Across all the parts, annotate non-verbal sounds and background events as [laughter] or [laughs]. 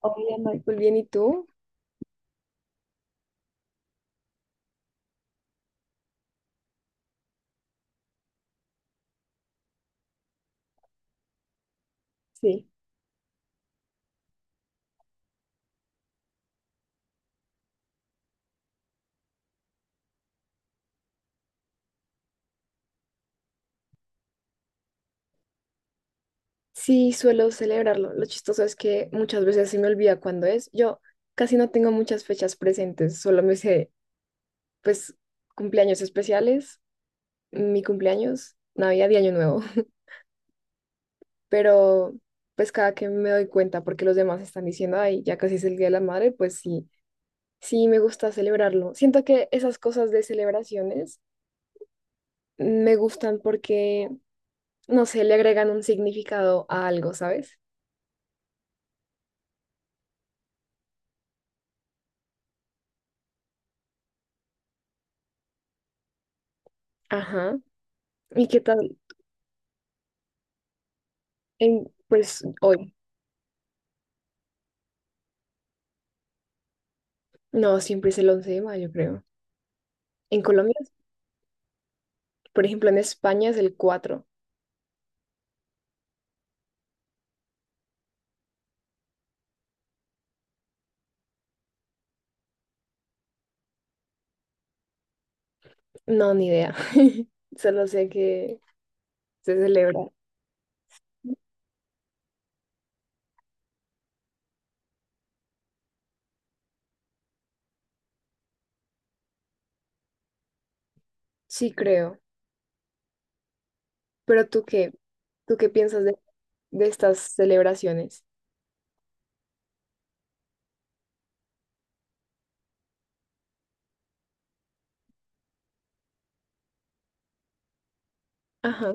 Hola Michael, bien, ¿y tú? Sí. Sí, suelo celebrarlo. Lo chistoso es que muchas veces se me olvida cuándo es. Yo casi no tengo muchas fechas presentes, solo me sé, pues, cumpleaños especiales, mi cumpleaños, Navidad y Año Nuevo. [laughs] Pero, pues, cada que me doy cuenta, porque los demás están diciendo, ay, ya casi es el Día de la Madre, pues sí, sí me gusta celebrarlo. Siento que esas cosas de celebraciones me gustan porque, no sé, le agregan un significado a algo, ¿sabes? Ajá. ¿Y qué tal? En, pues hoy, no, siempre es el 11 de mayo, creo. En Colombia, por ejemplo, en España es el 4. No, ni idea. [laughs] Solo sé que se celebra. Sí, creo. Pero ¿tú qué piensas de estas celebraciones? Ajá,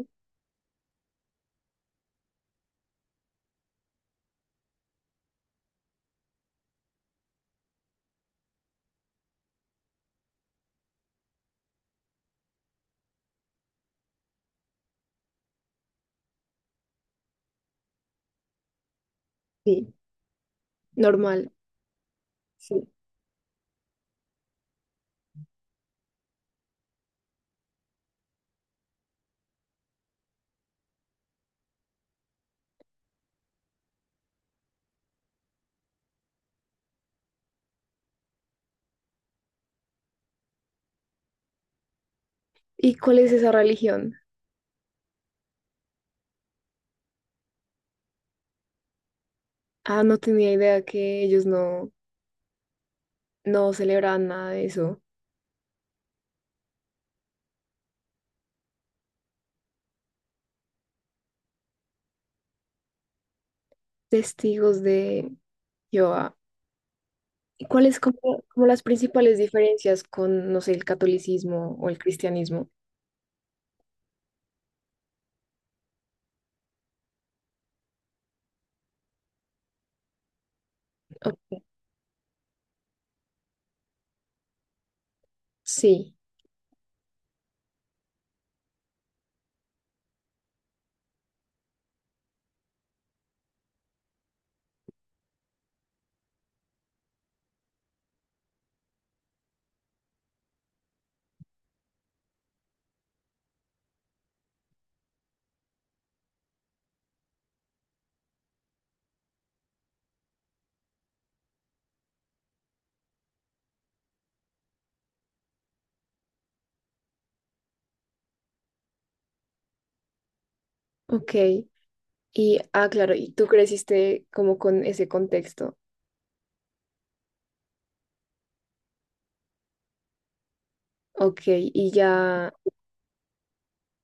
sí, normal, sí. ¿Y cuál es esa religión? Ah, no tenía idea que ellos no, no celebraban nada de eso. Testigos de Jehová. ¿Y cuáles como, como las principales diferencias con, no sé, el catolicismo o el cristianismo? Oh, sí, ok. Y, ah, claro, y tú creciste como con ese contexto. Ok, y ya,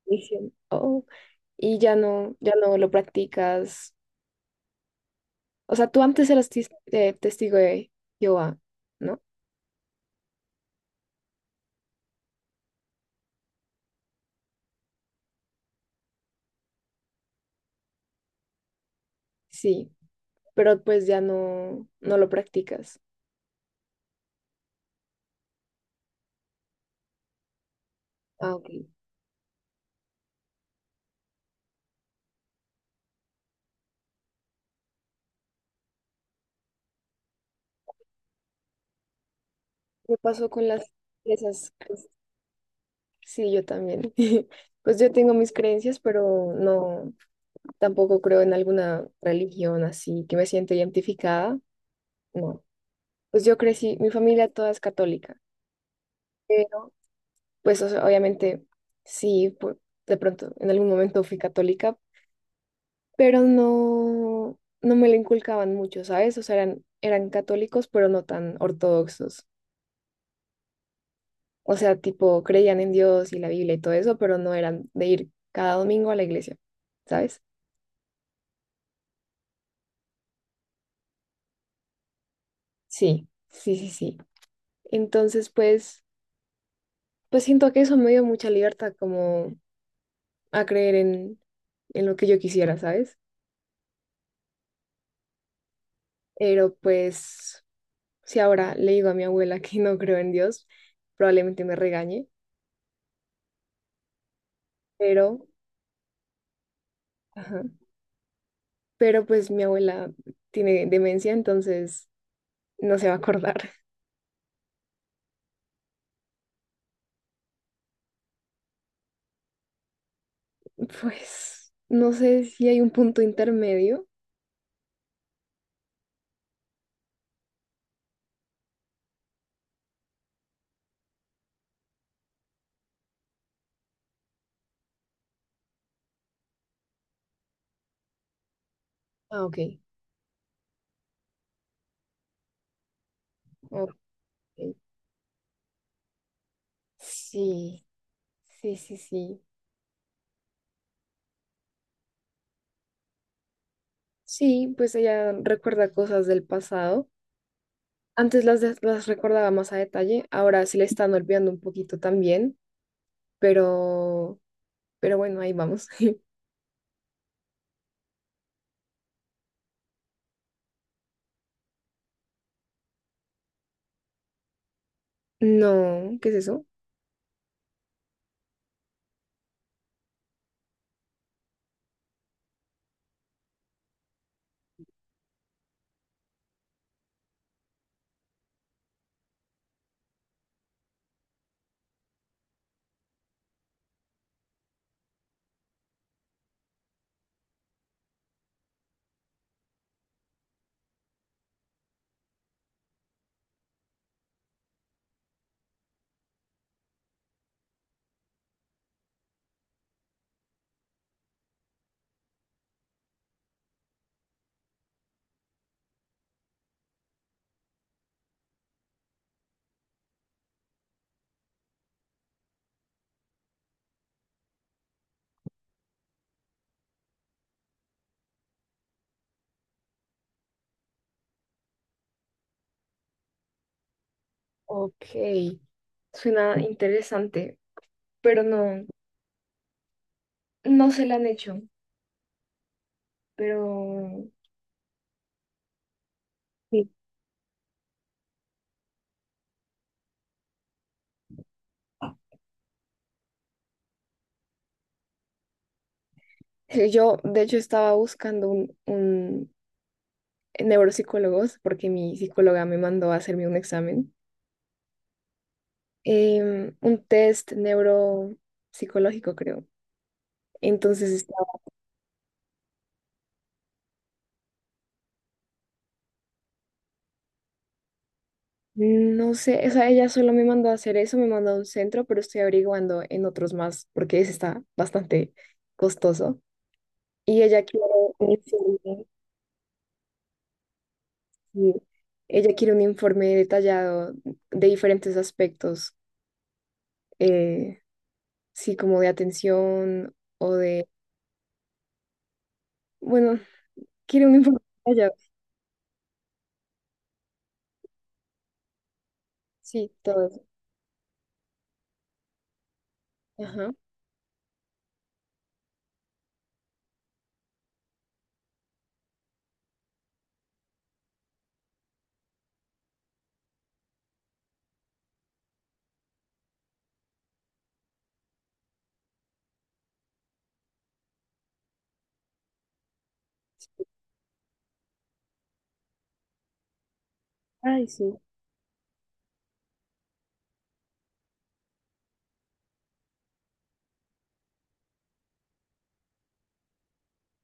dicen, oh, y ya no, ya no lo practicas. O sea, tú antes eras testigo de Jehová, ¿no? Sí, pero pues ya no, no lo practicas. Ah, ok. ¿Qué pasó con las esas? Sí, yo también. [laughs] Pues yo tengo mis creencias, pero no, tampoco creo en alguna religión así que me siento identificada. No. Pues yo crecí, mi familia toda es católica, pero pues o sea, obviamente sí, de pronto en algún momento fui católica, pero no, no me lo inculcaban mucho, ¿sabes? O sea, eran, eran católicos, pero no tan ortodoxos. O sea, tipo, creían en Dios y la Biblia y todo eso, pero no eran de ir cada domingo a la iglesia, ¿sabes? Sí, sí, sí, sí. Entonces, pues, pues siento que eso me dio mucha libertad como a creer en lo que yo quisiera, ¿sabes? Pero pues, si ahora le digo a mi abuela [laughs] que no creo en Dios, probablemente me regañe, pero, ajá, pero pues mi abuela tiene demencia, entonces no se va a acordar. [laughs] Pues, no sé si hay un punto intermedio. Ah, ok. Ok. Sí, sí, sí, sí. Sí, pues ella recuerda cosas del pasado. Antes las, las recordaba más a detalle, ahora se le están olvidando un poquito también, pero, pero bueno, ahí vamos. [laughs] No, ¿qué es eso? Ok, suena interesante, pero no, no se la han hecho, pero sí. Sí, yo, de hecho, estaba buscando un neuropsicólogo porque mi psicóloga me mandó a hacerme un examen, un test neuropsicológico, creo. Entonces estaba, no sé, o sea, ella solo me mandó a hacer eso, me mandó a un centro, pero estoy averiguando en otros más porque ese está bastante costoso. Y ella quiere un informe, sí, ella quiere un informe detallado de diferentes aspectos, eh, sí, como de atención o de, bueno, quiere un informe detallado, sí, todo eso. Ajá. Ay, sí.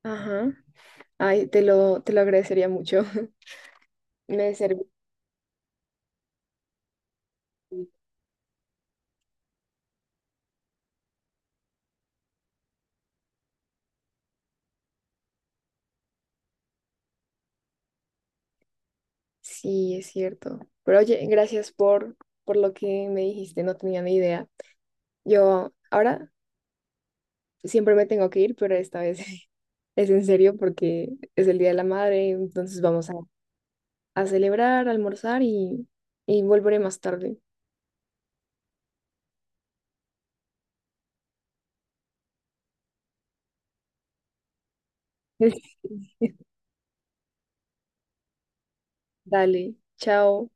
Ajá. Ay, te lo agradecería mucho. [laughs] Me sirvió. Sí, es cierto. Pero oye, gracias por lo que me dijiste, no tenía ni idea. Yo ahora siempre me tengo que ir, pero esta vez [laughs] es en serio porque es el Día de la Madre, entonces vamos a celebrar, a almorzar y volveré más tarde. [laughs] Dale, chao.